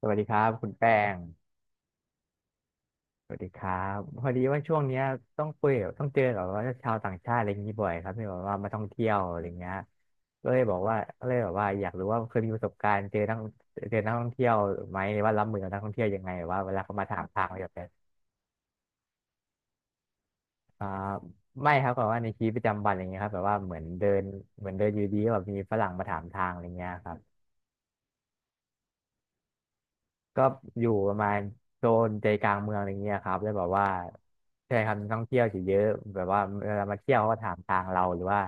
สวัสดีครับคุณแป้งสวัสดีครับพอดีว่าช่วงเนี้ยต้องคุยกับต้องเจอกับว่าชาวต่างชาติอะไรอย่างนี้บ่อยครับที่แบบว่ามาท่องเที่ยวอะไรเงี้ยก็เลยบอกว่าก็เลยแบบว่าอยากรู้ว่าเคยมีประสบการณ์เจอนักเจอนักท่องเที่ยวไหมว่ารับมือกับนักท่องเที่ยวยังไงแบบว่าเวลาเขามาถามทางอะไรแบบเนี้ยอ่าไม่ครับแบบว่าในชีวิตประจำวันอะไรเงี้ยครับแบบว่าเหมือนเดินเหมือนเดินอยู่ดีก็แบบมีฝรั่งมาถามทางอะไรเงี้ยครับ ก็อยู่ประมาณโซนใจกลางเมืองอะไรเงี้ยครับแล้วแบบว่าใช่ครับท่องเที่ยวจะเยอะแบบว่าเวลามาเที่ยวเขาก็ถามทางเราหรือว่า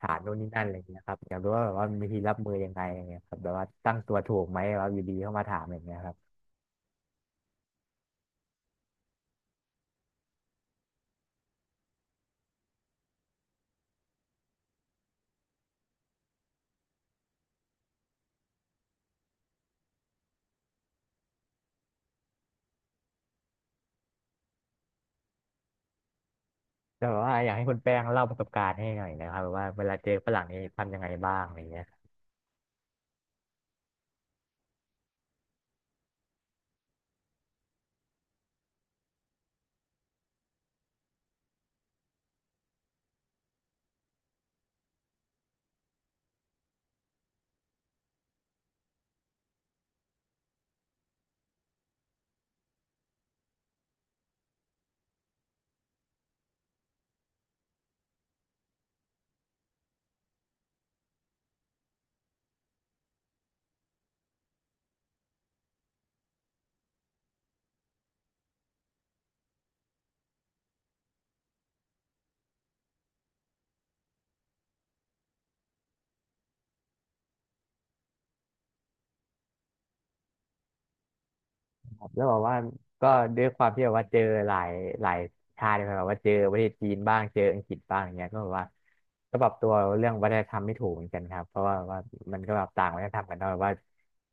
ถามโน่นนี่นั่นอะไรเงี้ยครับอยากรู้ว่าแบบว่ามีวิธีรับมือยังไงอะไรเงี้ยครับแบบว่าตั้งตัวถูกไหมแบบว่าอยู่ดีเข้ามาถามอะไรเงี้ยครับแต่แบบว่าอยากให้คุณแป้งเล่าประสบการณ์ให้หน่อยนะครับแบบว่าเวลาเจอฝรั่งนี่ทำยังไงบ้างอะไรเงี้ย ผมจะบอกว่าก็ด้วยความที่แบบว่าเจอหลายหลายชาติเลยแบบว่าเจอประเทศจีนบ้างเจออังกฤษบ้างอย่างเงี้ยก็แบบว่าก็ปรับตัวเรื่องวัฒนธรรมไม่ถูกเหมือนกันครับเพราะว่ามันก็แบบต่างวัฒนธรรมกันเนาะแบบว่า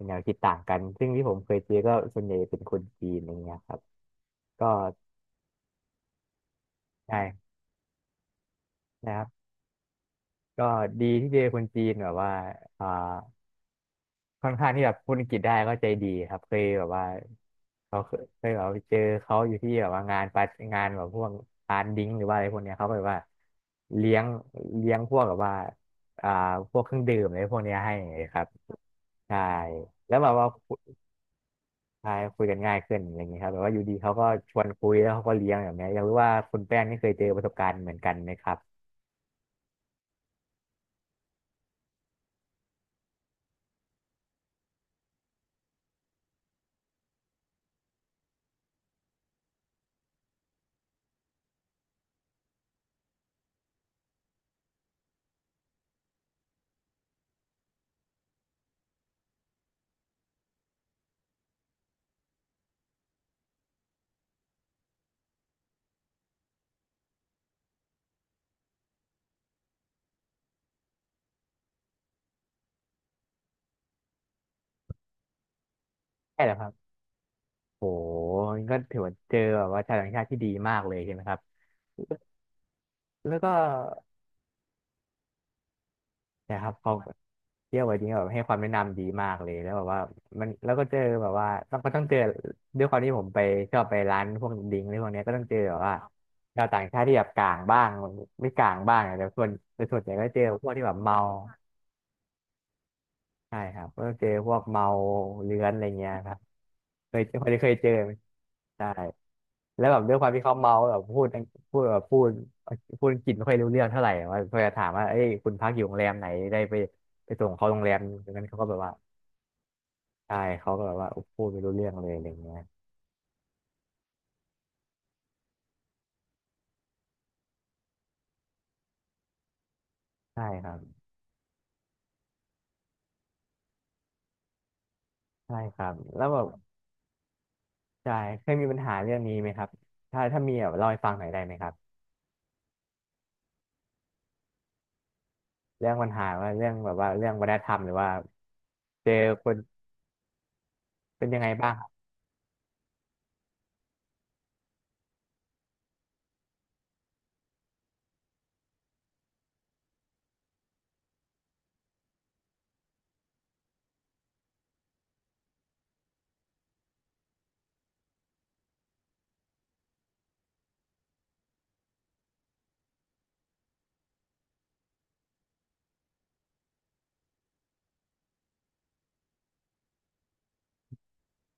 แนวคิดต่างกันซึ่งที่ผมเคยเจอก็ส่วนใหญ่เป็นคนจีนอย่างเงี้ยครับก็ใช่นะครับก็ดีที่เจอคนจีนแบบว่าอ่า ค่อนข้างที่แบบพูดอังกฤษได้ก็ใจดีครับเคยแบบว่าเขาเคยแบบว่าไปเจอเขาอยู่ที่แบบว่างานปารงานแบบพวกปานดิ้งหรือว่าอะไรพวกเนี้ยเขาแบบว่าเลี้ยงเลี้ยงพวกแบบว่าอ่าพวกเครื่องดื่มอะไรพวกเนี้ยให้ครับใช่แล้วแบบว่าคุยใช่คุยกันง่ายขึ้นอย่างนี้ครับแบบว่าอยู่ดีเขาก็ชวนคุยแล้วเขาก็เลี้ยงแบบเนี้ยอยากรู้ว่าคุณแป้งนี่เคยเจอประสบการณ์เหมือนกันไหมครับใช่แล้วครับโหนี่ก็ถือว่าเจอแบบว่าชาวต่างชาติที่ดีมากเลยใช่ไหมครับแล้วก็ นะครับเขาเที่ยววันนี้แบบให้ความแนะนำดีมากเลยแล้วแบบว่ามันแล้วก็เจอแบบว่าต้องก็ต้องเจอด้วยความที่ผมไปชอบไปร้านพวกดิงก์อะไรพวกเนี้ยก็ต้องเจอแบบว่าชาวต่างชาติที่แบบกลางบ้างไม่กลางบ้างแต่ส่วนใหญ่ก็เจอพวกที่แบบเมา ใช่ครับก็เจอพวกเมาเรื้อนอะไรเงี้ยครับเคยเจอเคยเจอไหมใช่แล้วแบบด้วยความที่เขาเมาแบบพูดอังพูดแบบพูดพูดอังกฤษไม่ค่อยรู้เรื่องเท่าไหร่ว่าพอจะถามว่าเอ้ยคุณพักอยู่โรงแรมไหนได้ไปไปส่งเขาโรงแรมดังนั้นเขาก็แบบว่าใช่เขาก็แบบว่าพูดไม่รู้เรื่องเลยอะไรเงี้ยใช่ครับใช่ครับแล้วแบบใช่เคยมีปัญหาเรื่องนี้ไหมครับถ้ามีแบบเล่าให้ฟังหน่อยได้ไหมครับเรื่องปัญหาว่าเรื่องแบบว่าเรื่องวัฒนธรรมหรือว่าเจอคนเป็นยังไงบ้าง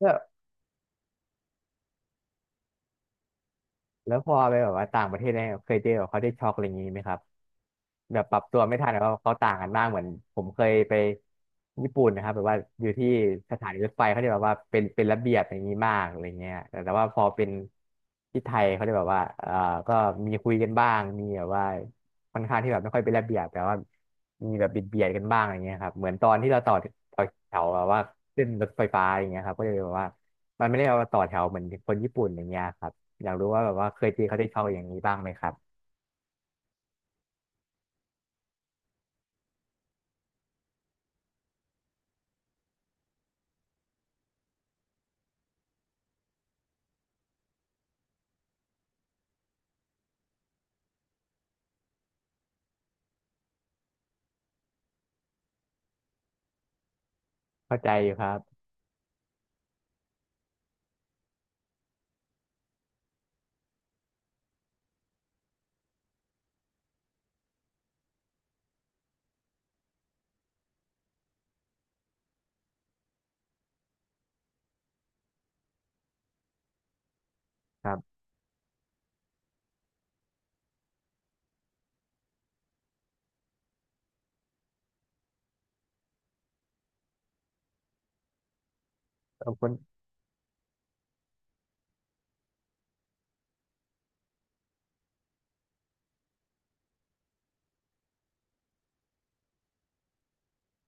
ครับ แล้วพอไปแบบว่าต่างประเทศเนี่ยเคยเจอแบบเขาได้ช็อกอะไรอย่างนี้ไหมครับ แบบปรับตัวไม่ทันนะว่าะเขาต่างกันมากเหมือนผมเคยไปญี่ปุ่นนะครับแบบว่าอยู่ที่สถานีรถไฟเขาจะแบบว่าเป็นระเบียบอย่างนี้มากอะไรเงี้ยแต่ว่าพอเป็นที่ไทยเขาจะแบบว่าก็มีคุยกันบ้างมีแบบว่าค่อนข้างที่แบบไม่ค่อยเป็นระเบียบแต่ว่ามีแบบบิดเบียดกันบ้างอะไรเงี้ยครับเหมือนตอนที่เราต่อแถวแบบว่าขึ้นรถไฟฟ้าอย่างเงี้ยครับก็เลยแบบว่ามันไม่ได้เอามาต่อแถวเหมือนคนญี่ปุ่นอย่างเงี้ยครับอยากรู้ว่าแบบว่าเคยเจอเขาได้เข้าอย่างนี้บ้างไหมครับเข้าใจอยู่ครับครับขอบคุณ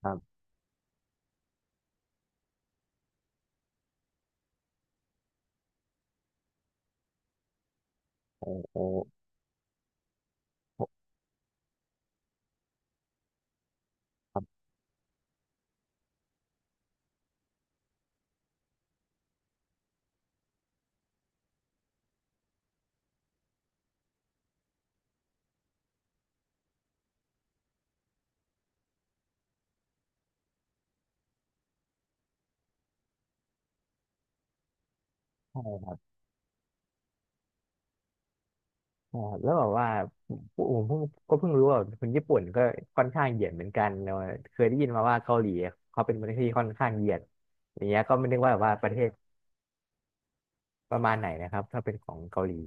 ครับโอ้โอ้โอ้ใช่ครับใช่ครับแล้วแบบว่าผผมก็เพิ่งรู้ว่าคนญี่ปุ่นก็ค่อนข้างเหยียดเหมือนกันเนอะเคยได้ยินมาว่าเกาหลีเขาเป็นประเทศที่ค่อนข้างเหยียดอย่างเงี้ยก็ไม่นึกว่าแบบว่าประเทศประมาณไหนนะครับถ้าเป็นของเกาหลี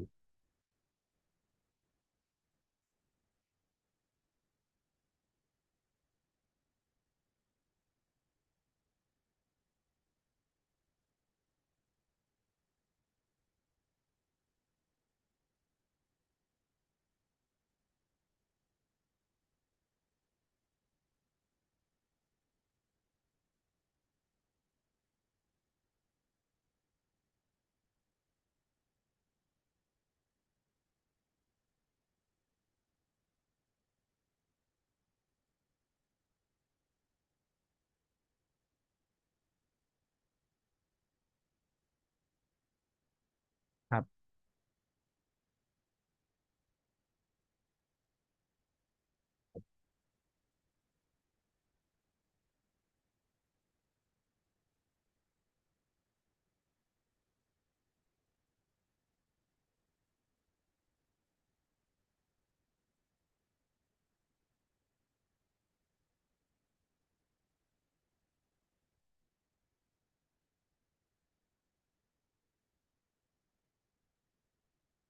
ครับ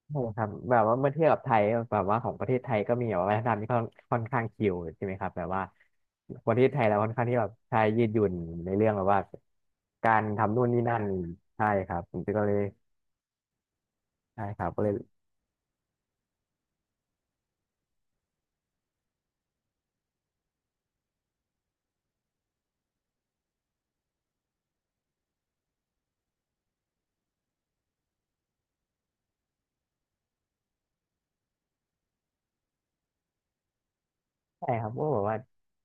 ใช่ครับแบบว่าเมื่อเทียบกับไทยแบบว่าของประเทศไทยก็มีแบบว่าวัฒนธรรมที่ค่อนข้างชิลใช่ไหมครับแบบว่าประเทศไทยเราค่อนข้างที่แบบใช้ยืดหยุ่นในเรื่องแบบว่าการทำนู่นนี่นั่น ใช่ครับผมก็เลยใช่ครับก็เลย ใช่ครับก็แบบว่า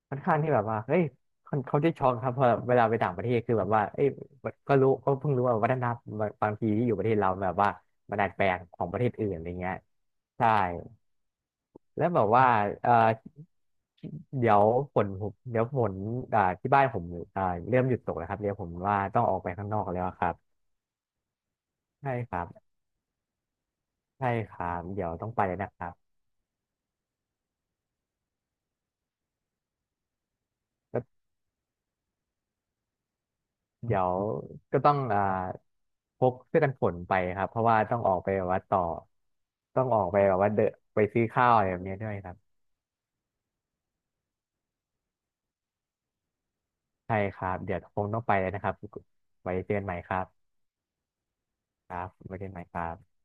ค่อนข้างที่แบบว่าเฮ้ยคนเขาจะช็อกครับเพอเวลาไปต่างประเทศคือแบบว่าเอ้ยก็รู้ก็เพิ่งรู้ว่าวัฒนธรรมบางทีที่อยู่ประเทศเราแบบว่ามันดัดแปลงของประเทศอื่นอะไรเงี้ยใช่แล้วแบบว่าเอ่อเดี๋ยวฝนผมเดี๋ยวฝนที่บ้านผมอ่าเริ่มหยุดตกแล้วครับเดี๋ยวผมว่าต้องออกไปข้างนอกแล้วครับใช่ครับใช่ครับเดี๋ยวต้องไปแล้วนะครับ เดี๋ยวก็ต้องพกเสื้อกันฝนไปครับเพราะว่าต้องออกไปแบบว่าต่อต้องออกไปแบบว่าเดนไปซื้อข้าวอะไรแบบนี้ด้วยครับใช่ครับเดี๋ยวคงต้องไปแล้วนะครับไว้เจอกันใหม่ครับครับไว้เจอกันใหม่ครับ